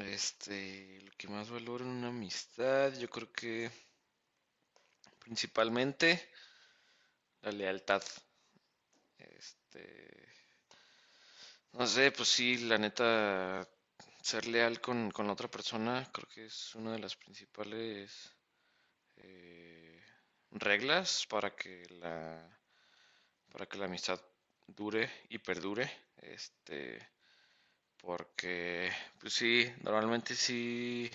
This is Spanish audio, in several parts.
Lo que más valoro en una amistad, yo creo que principalmente la lealtad. Este, no sé, pues sí, la neta, ser leal con la otra persona, creo que es una de las principales eh, reglas para que la amistad dure y perdure. Este, Porque, pues sí, normalmente sí.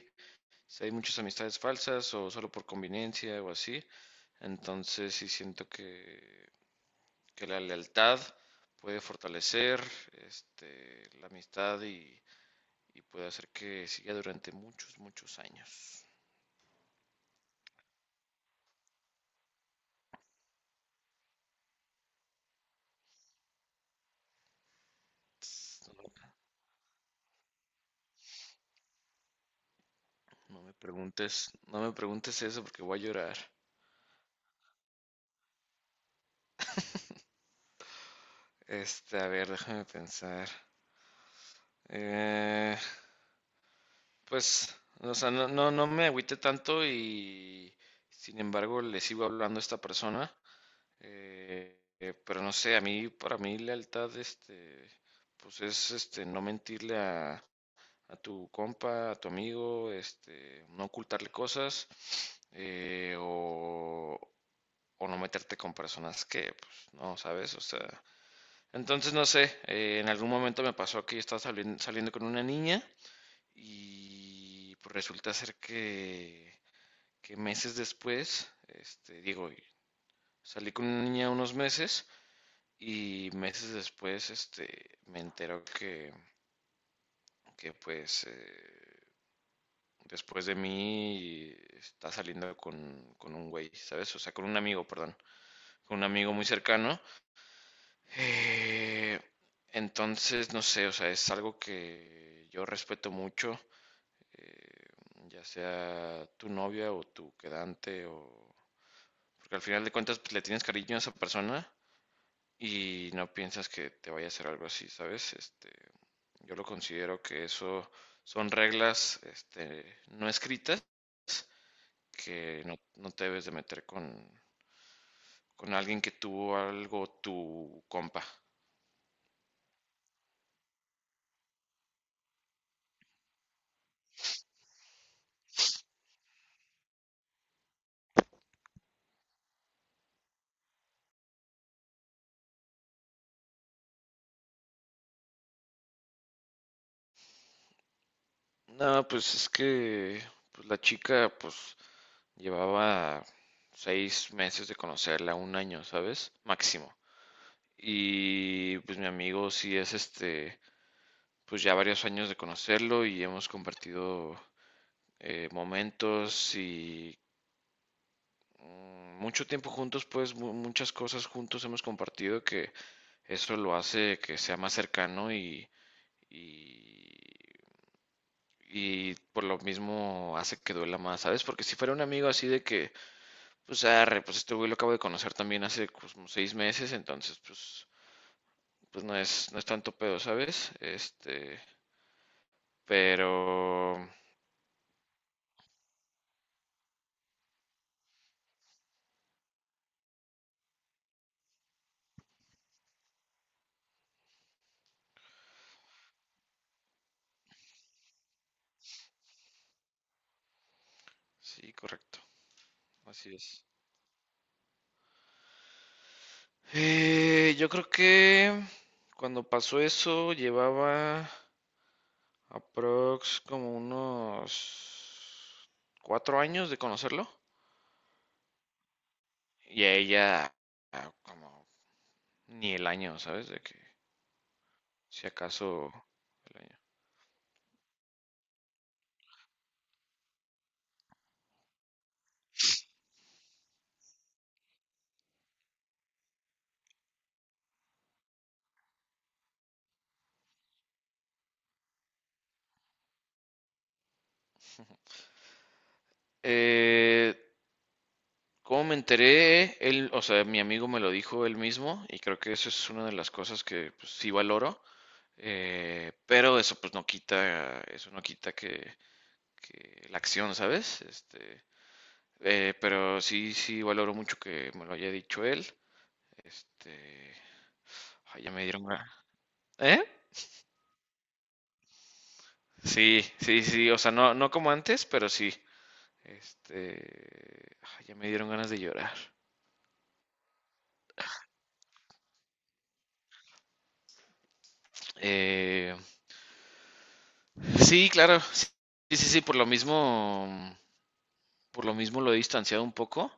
Si hay muchas amistades falsas o solo por conveniencia o así, entonces sí siento que la lealtad puede fortalecer la amistad y puede hacer que siga durante muchos, muchos años. No me preguntes, no me preguntes eso porque voy a llorar. A ver, déjame pensar. Eh, pues, o sea, no, no, no me agüité tanto y sin embargo le sigo hablando a esta persona. Pero no sé, a mí, para mí lealtad, pues es, no mentirle a tu compa, a tu amigo, no ocultarle cosas, eh, o, o no meterte con personas que, pues, no, ¿sabes? O sea, entonces no sé, en algún momento me pasó que yo estaba saliendo con una niña y pues resulta ser que meses después, digo, salí con una niña unos meses y meses después, me entero que pues, después de mí está saliendo con un güey, ¿sabes? O sea, con un amigo, perdón, con un amigo muy cercano. Eh, entonces, no sé, o sea, es algo que yo respeto mucho, eh, ya sea tu novia o tu quedante, o porque al final de cuentas pues, le tienes cariño a esa persona y no piensas que te vaya a hacer algo así, ¿sabes? Yo lo considero que eso son reglas no escritas que no te debes de meter con alguien que tuvo algo tu compa. No, pues es que pues la chica pues llevaba 6 meses de conocerla, 1 año, ¿sabes? Máximo. Y pues mi amigo sí es pues ya varios años de conocerlo y hemos compartido momentos y mucho tiempo juntos, pues muchas cosas juntos hemos compartido que eso lo hace que sea más cercano y, y por lo mismo hace que duela más, ¿sabes? Porque si fuera un amigo así de que, pues arre, pues este güey lo acabo de conocer también hace pues, como 6 meses, entonces pues no es tanto pedo, ¿sabes? Pero sí, correcto, así es. Yo creo que cuando pasó eso llevaba aprox como unos 4 años de conocerlo. Y a ella como ni el año, ¿sabes? De que si acaso el año. Eh, ¿Cómo me enteré? Él, o sea, mi amigo me lo dijo él mismo y creo que eso es una de las cosas que pues, sí valoro. Pero eso pues no quita, eso no quita que la acción, ¿sabes? Pero sí, sí valoro mucho que me lo haya dicho él. Este, Ay, ya me dieron ganas. ¿Eh? Sí, sí, sí, o sea, no, no como antes, pero sí. Ay, ya me dieron ganas de llorar. Eh, sí, claro, sí, sí, sí, sí, por lo mismo lo he distanciado un poco,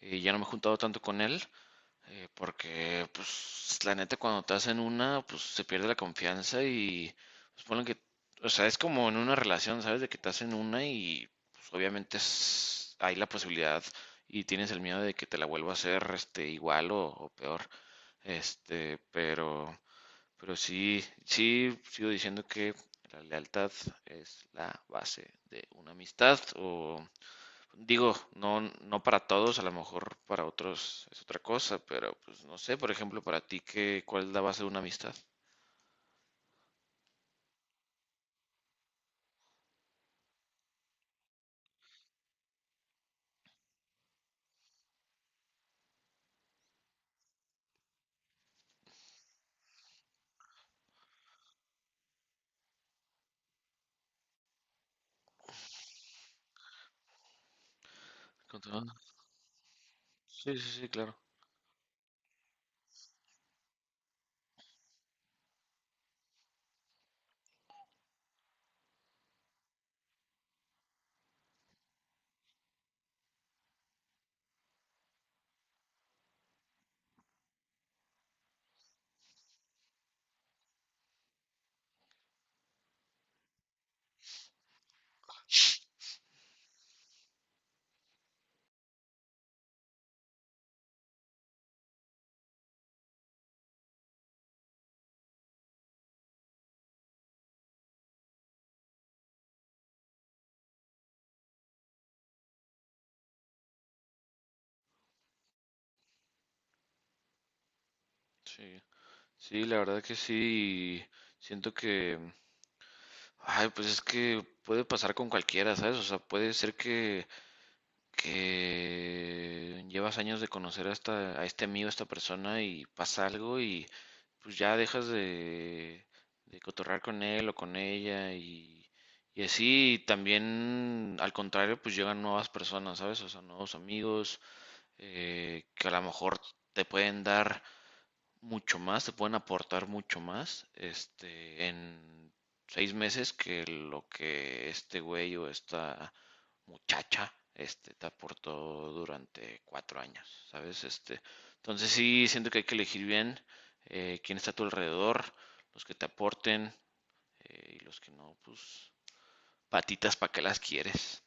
y ya no me he juntado tanto con él. Porque, pues, la neta, cuando te hacen una, pues se pierde la confianza y, pues, ponen que, o sea, es como en una relación, ¿sabes? De que te hacen una y, pues, obviamente hay la posibilidad y tienes el miedo de que te la vuelva a hacer, igual o peor. Este, pero, pero sí, sí, sigo diciendo que la lealtad es la base de una amistad o digo, no, no para todos, a lo mejor para otros es otra cosa, pero pues no sé, por ejemplo, para ti, ¿qué, cuál es la base de una amistad? Con tu banda. Sí, sí, sí, claro. Sí, sí, la verdad que sí, siento que, ay, pues es que puede pasar con cualquiera, ¿sabes? O sea, puede ser que llevas años de conocer a este amigo, a esta persona y pasa algo y pues ya dejas de cotorrar con él o con ella y así y también al contrario pues llegan nuevas personas, ¿sabes? O sea, nuevos amigos que a lo mejor te pueden dar mucho más, te pueden aportar mucho más en 6 meses que lo que este güey o esta muchacha te aportó durante 4 años, ¿sabes? Entonces sí, siento que hay que elegir bien quién está a tu alrededor, los que te aporten y los que no, pues patitas para que las quieres.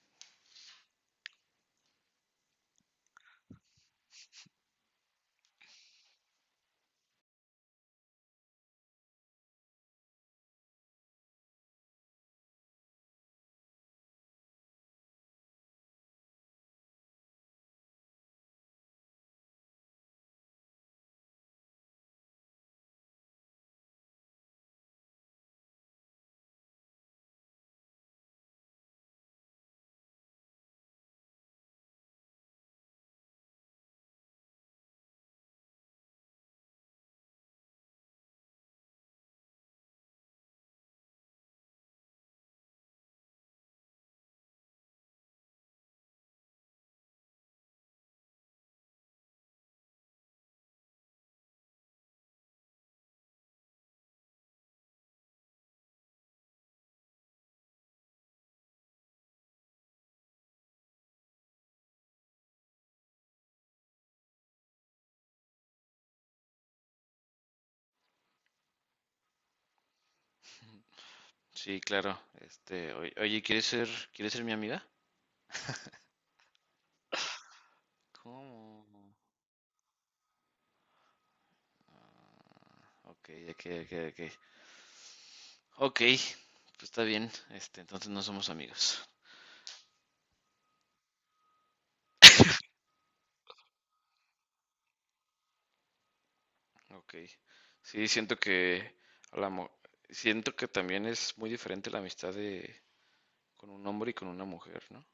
Sí, claro. Oye, ¿quieres ser mi amiga? ¿Cómo? Ok, ok, ok, ok. Ok, pues está bien. Entonces no somos amigos. Ok. Sí, siento que a la mo- siento que también es muy diferente la amistad de con un hombre y con una mujer, ¿no?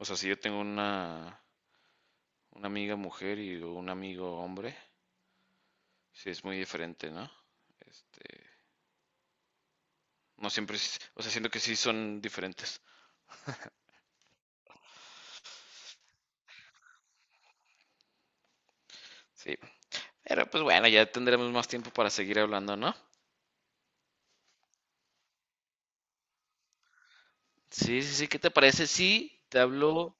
O sea, si yo tengo una amiga mujer y un amigo hombre, sí es muy diferente, ¿no? Este, no siempre, o sea, siento que sí son diferentes. Sí, pero pues bueno, ya tendremos más tiempo para seguir hablando, ¿no? Sí, sí, sí, ¿qué te parece? Sí,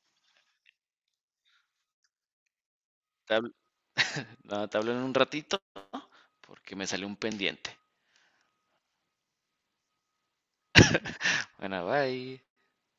te hablo, no, te hablo en un ratito porque me salió un pendiente. Bueno, bye.